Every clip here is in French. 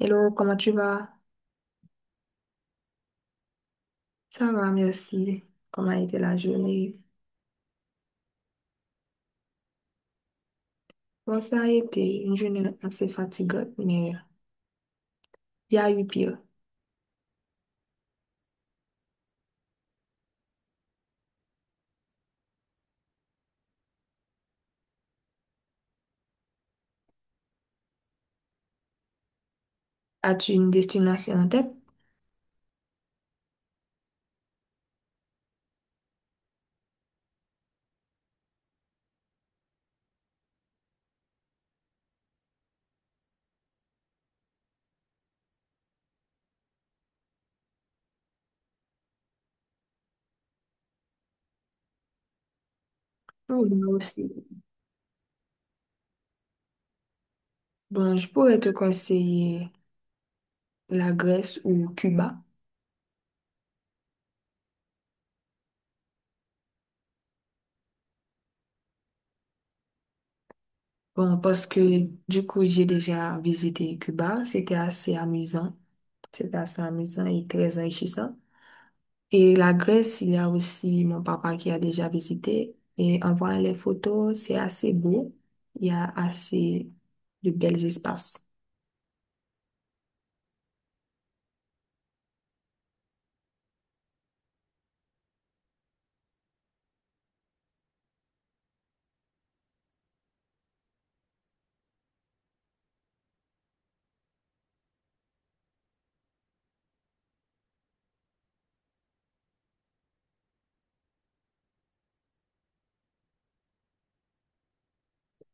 Hello, comment tu vas? Ça va, merci. Comment a été la journée? Bon, ça a été une journée assez fatigante, mais il y a eu pire. As-tu une destination en tête? Oui, moi aussi. Bon, je pourrais te conseiller la Grèce ou Cuba. Bon, parce que du coup, j'ai déjà visité Cuba. C'était assez amusant. C'était assez amusant et très enrichissant. Et la Grèce, il y a aussi mon papa qui a déjà visité. Et en voyant les photos, c'est assez beau. Il y a assez de belles espaces.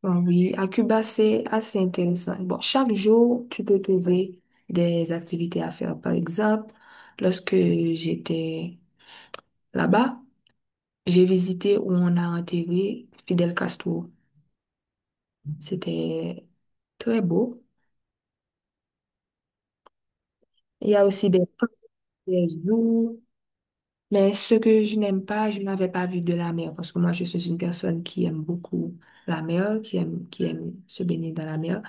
Bon, oui, à Cuba, c'est assez intéressant. Bon, chaque jour, tu peux trouver des activités à faire. Par exemple, lorsque j'étais là-bas, j'ai visité où on a enterré Fidel Castro. C'était très beau. Il y a aussi des, parcs, des zoos. Mais ce que je n'aime pas, je n'avais pas vu de la mer parce que moi, je suis une personne qui aime beaucoup la mer, qui aime se baigner dans la mer.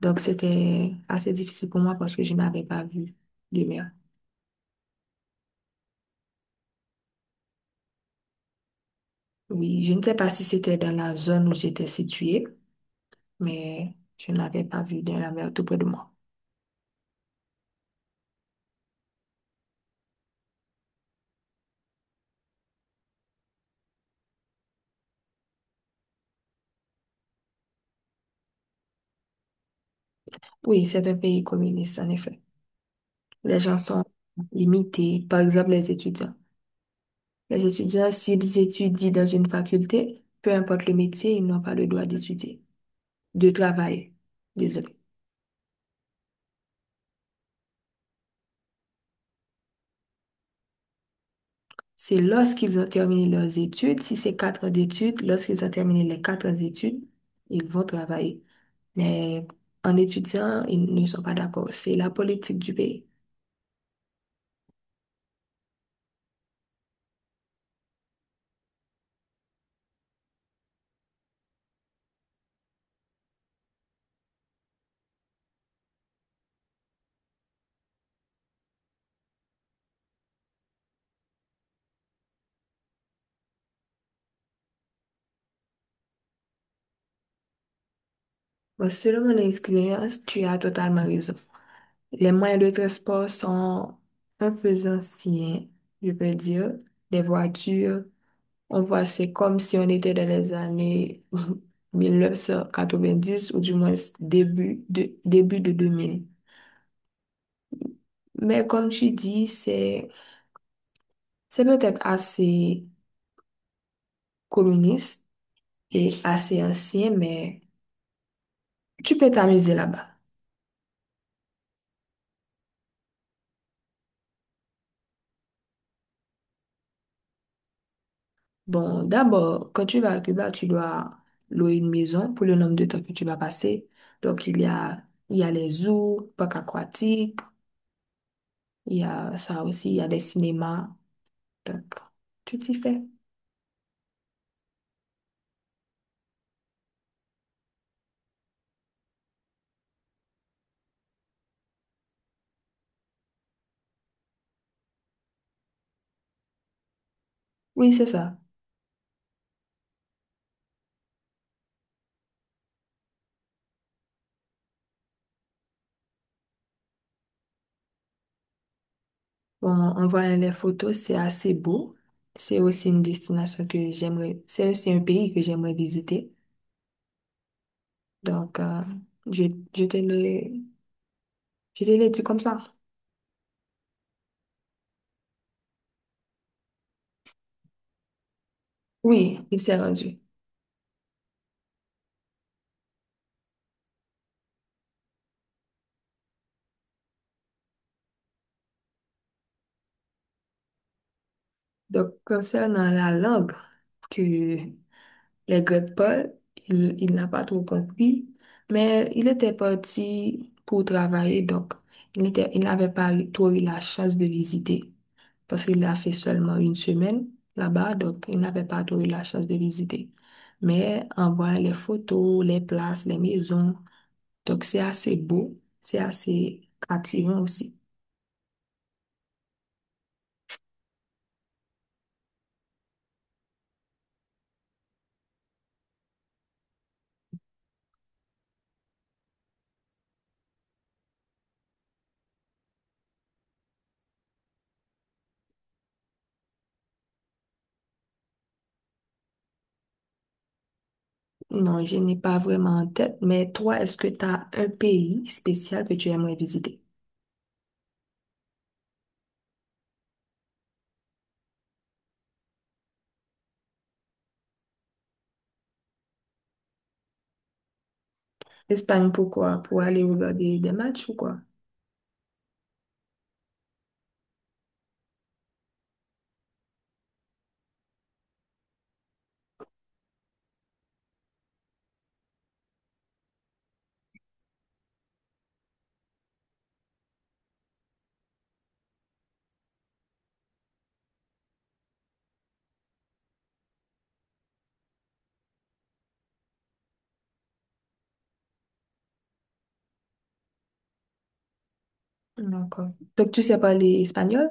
Donc, c'était assez difficile pour moi parce que je n'avais pas vu de mer. Oui, je ne sais pas si c'était dans la zone où j'étais située, mais je n'avais pas vu de la mer tout près de moi. Oui, c'est un pays communiste, en effet. Les gens sont limités, par exemple les étudiants. Les étudiants, s'ils étudient dans une faculté, peu importe le métier, ils n'ont pas le droit d'étudier. De travail. Désolé. C'est lorsqu'ils ont terminé leurs études, si c'est 4 ans d'études, lorsqu'ils ont terminé les 4 ans d'études, ils vont travailler. Mais en étudiant, ils ne sont pas d'accord. C'est la politique du pays. Bon, selon mon expérience, tu as totalement raison. Les moyens de transport sont un peu anciens, je peux dire. Les voitures, on voit, c'est comme si on était dans les années 1990 ou du moins début de 2000. Mais comme tu dis, c'est peut-être assez communiste et assez ancien, mais tu peux t'amuser là-bas. Bon, d'abord, quand tu vas à Cuba, tu dois louer une maison pour le nombre de temps que tu vas passer. Donc, il y a les zoos, parcs aquatiques, il y a ça aussi, il y a les cinémas. Donc, tu t'y fais. Oui, c'est ça. Bon, en voyant les photos, c'est assez beau. C'est aussi une destination que j'aimerais, c'est aussi un pays que j'aimerais visiter. Donc, je, je te le, je te le dis comme ça. Oui, il s'est rendu. Donc, concernant la langue que les Grecs parlent, il n'a pas trop compris, mais il était parti pour travailler, donc il n'avait pas eu- trop eu la chance de visiter parce qu'il a fait seulement 1 semaine là-bas, donc il n'avait pas trop eu la chance de visiter. Mais en voyant les photos, les places, les maisons, donc, c'est assez beau, c'est assez attirant aussi. Non, je n'ai pas vraiment en tête, mais toi, est-ce que tu as un pays spécial que tu aimerais visiter? L'Espagne, pourquoi? Pour aller regarder des matchs ou quoi? D'accord. Donc, tu sais parler espagnol?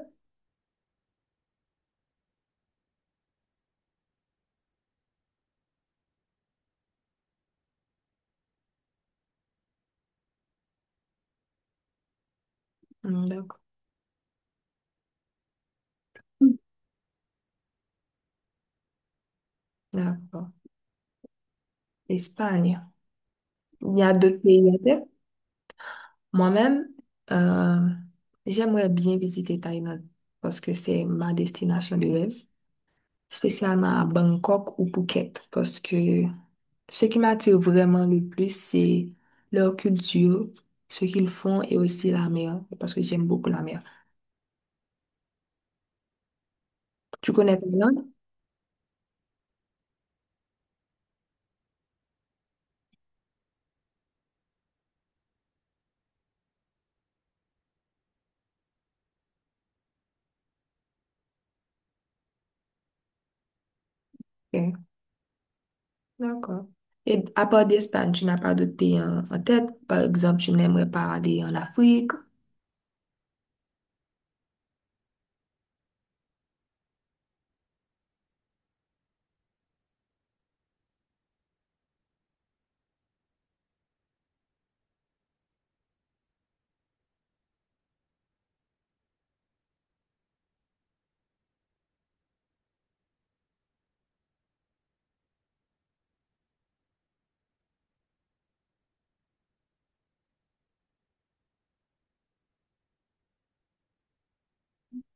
Hmm, d'accord. D'accord. Espagne. Il y a d'autres pays en tête. Moi-même, euh, j'aimerais bien visiter Thaïlande parce que c'est ma destination de rêve. Spécialement à Bangkok ou Phuket, parce que ce qui m'attire vraiment le plus, c'est leur culture, ce qu'ils font et aussi la mer, parce que j'aime beaucoup la mer. Tu connais Thaïlande? Ok, d'accord. Et à part d'Espagne, tu n'as pas d'autres pays en tête? Par exemple, tu n'aimerais pas aller en Afrique?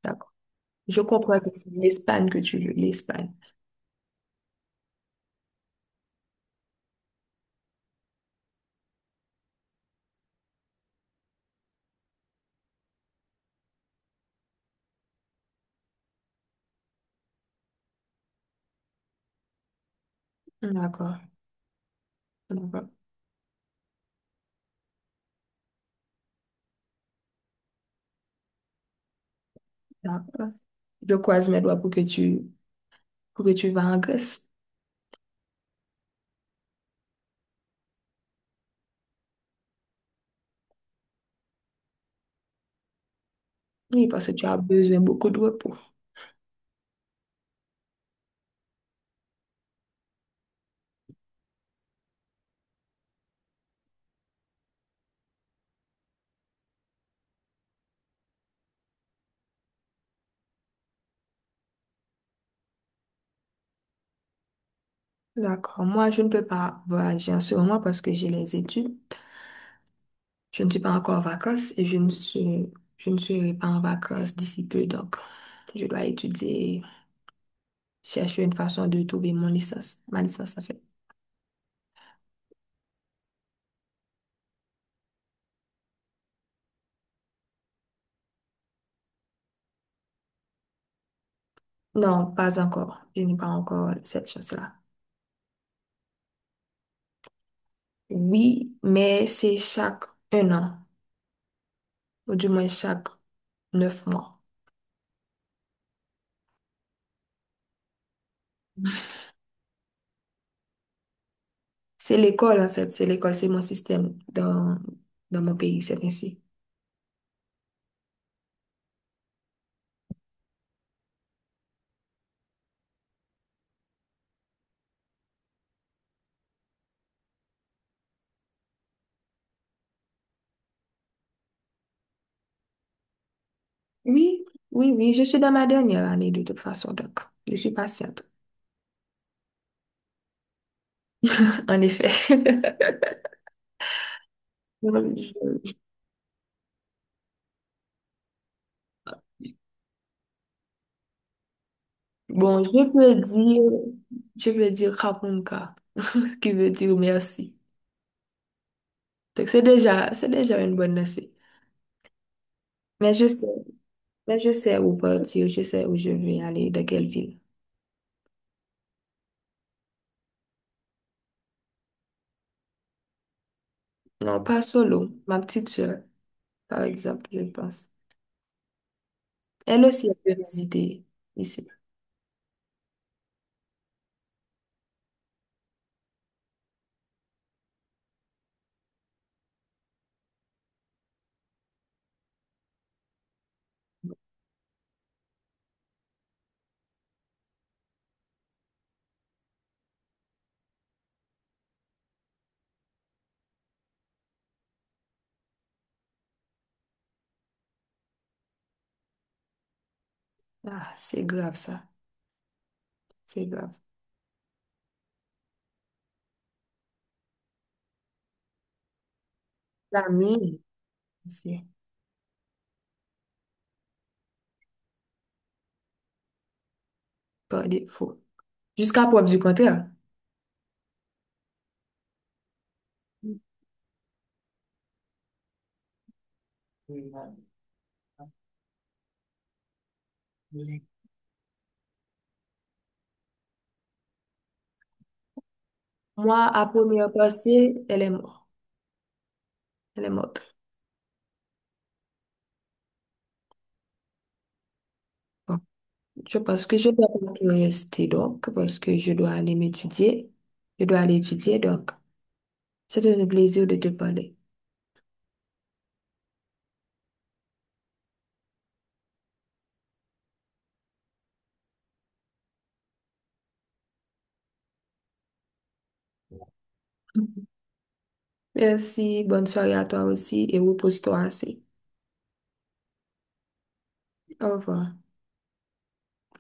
D'accord. Je comprends que c'est l'Espagne que tu veux, l'Espagne. D'accord. D'accord. D'accord. Je croise mes doigts pour que tu vas en Grèce. Oui, parce que tu as besoin beaucoup de repos. D'accord. Moi, je ne peux pas voyager en ce moment parce que j'ai les études. Je ne suis pas encore en vacances et je ne serai pas en vacances d'ici peu. Donc, je dois étudier, chercher une façon de trouver mon licence. Ma licence, en fait. Non, pas encore. Je n'ai pas encore cette chance-là. Oui, mais c'est chaque 1 an, ou du moins chaque 9 mois. C'est l'école, en fait. C'est l'école, c'est mon système dans mon pays, c'est ainsi. Oui, oui, je suis dans ma dernière année de toute façon, donc je suis patiente, en effet. je- Bon, je peux dire Kapunka, qui veut dire merci. Donc c'est déjà une bonne lancée. Mais je sais, mais je sais où partir, je sais où je vais aller, dans quelle ville. Non, pas solo, ma petite soeur, par exemple, je pense. Elle aussi, elle peut visiter ici. Ah, c'est grave ça, c'est grave. L'ami, c'est par défaut. Jusqu'à preuve du contraire. Moi, à première pensée, elle est morte. Elle est morte. Bon, je pense que je dois donc rester donc, parce que je dois aller m'étudier. Je dois aller étudier donc. C'était un plaisir de te parler. Merci, bonne soirée à toi aussi et repose-toi assez. Au revoir.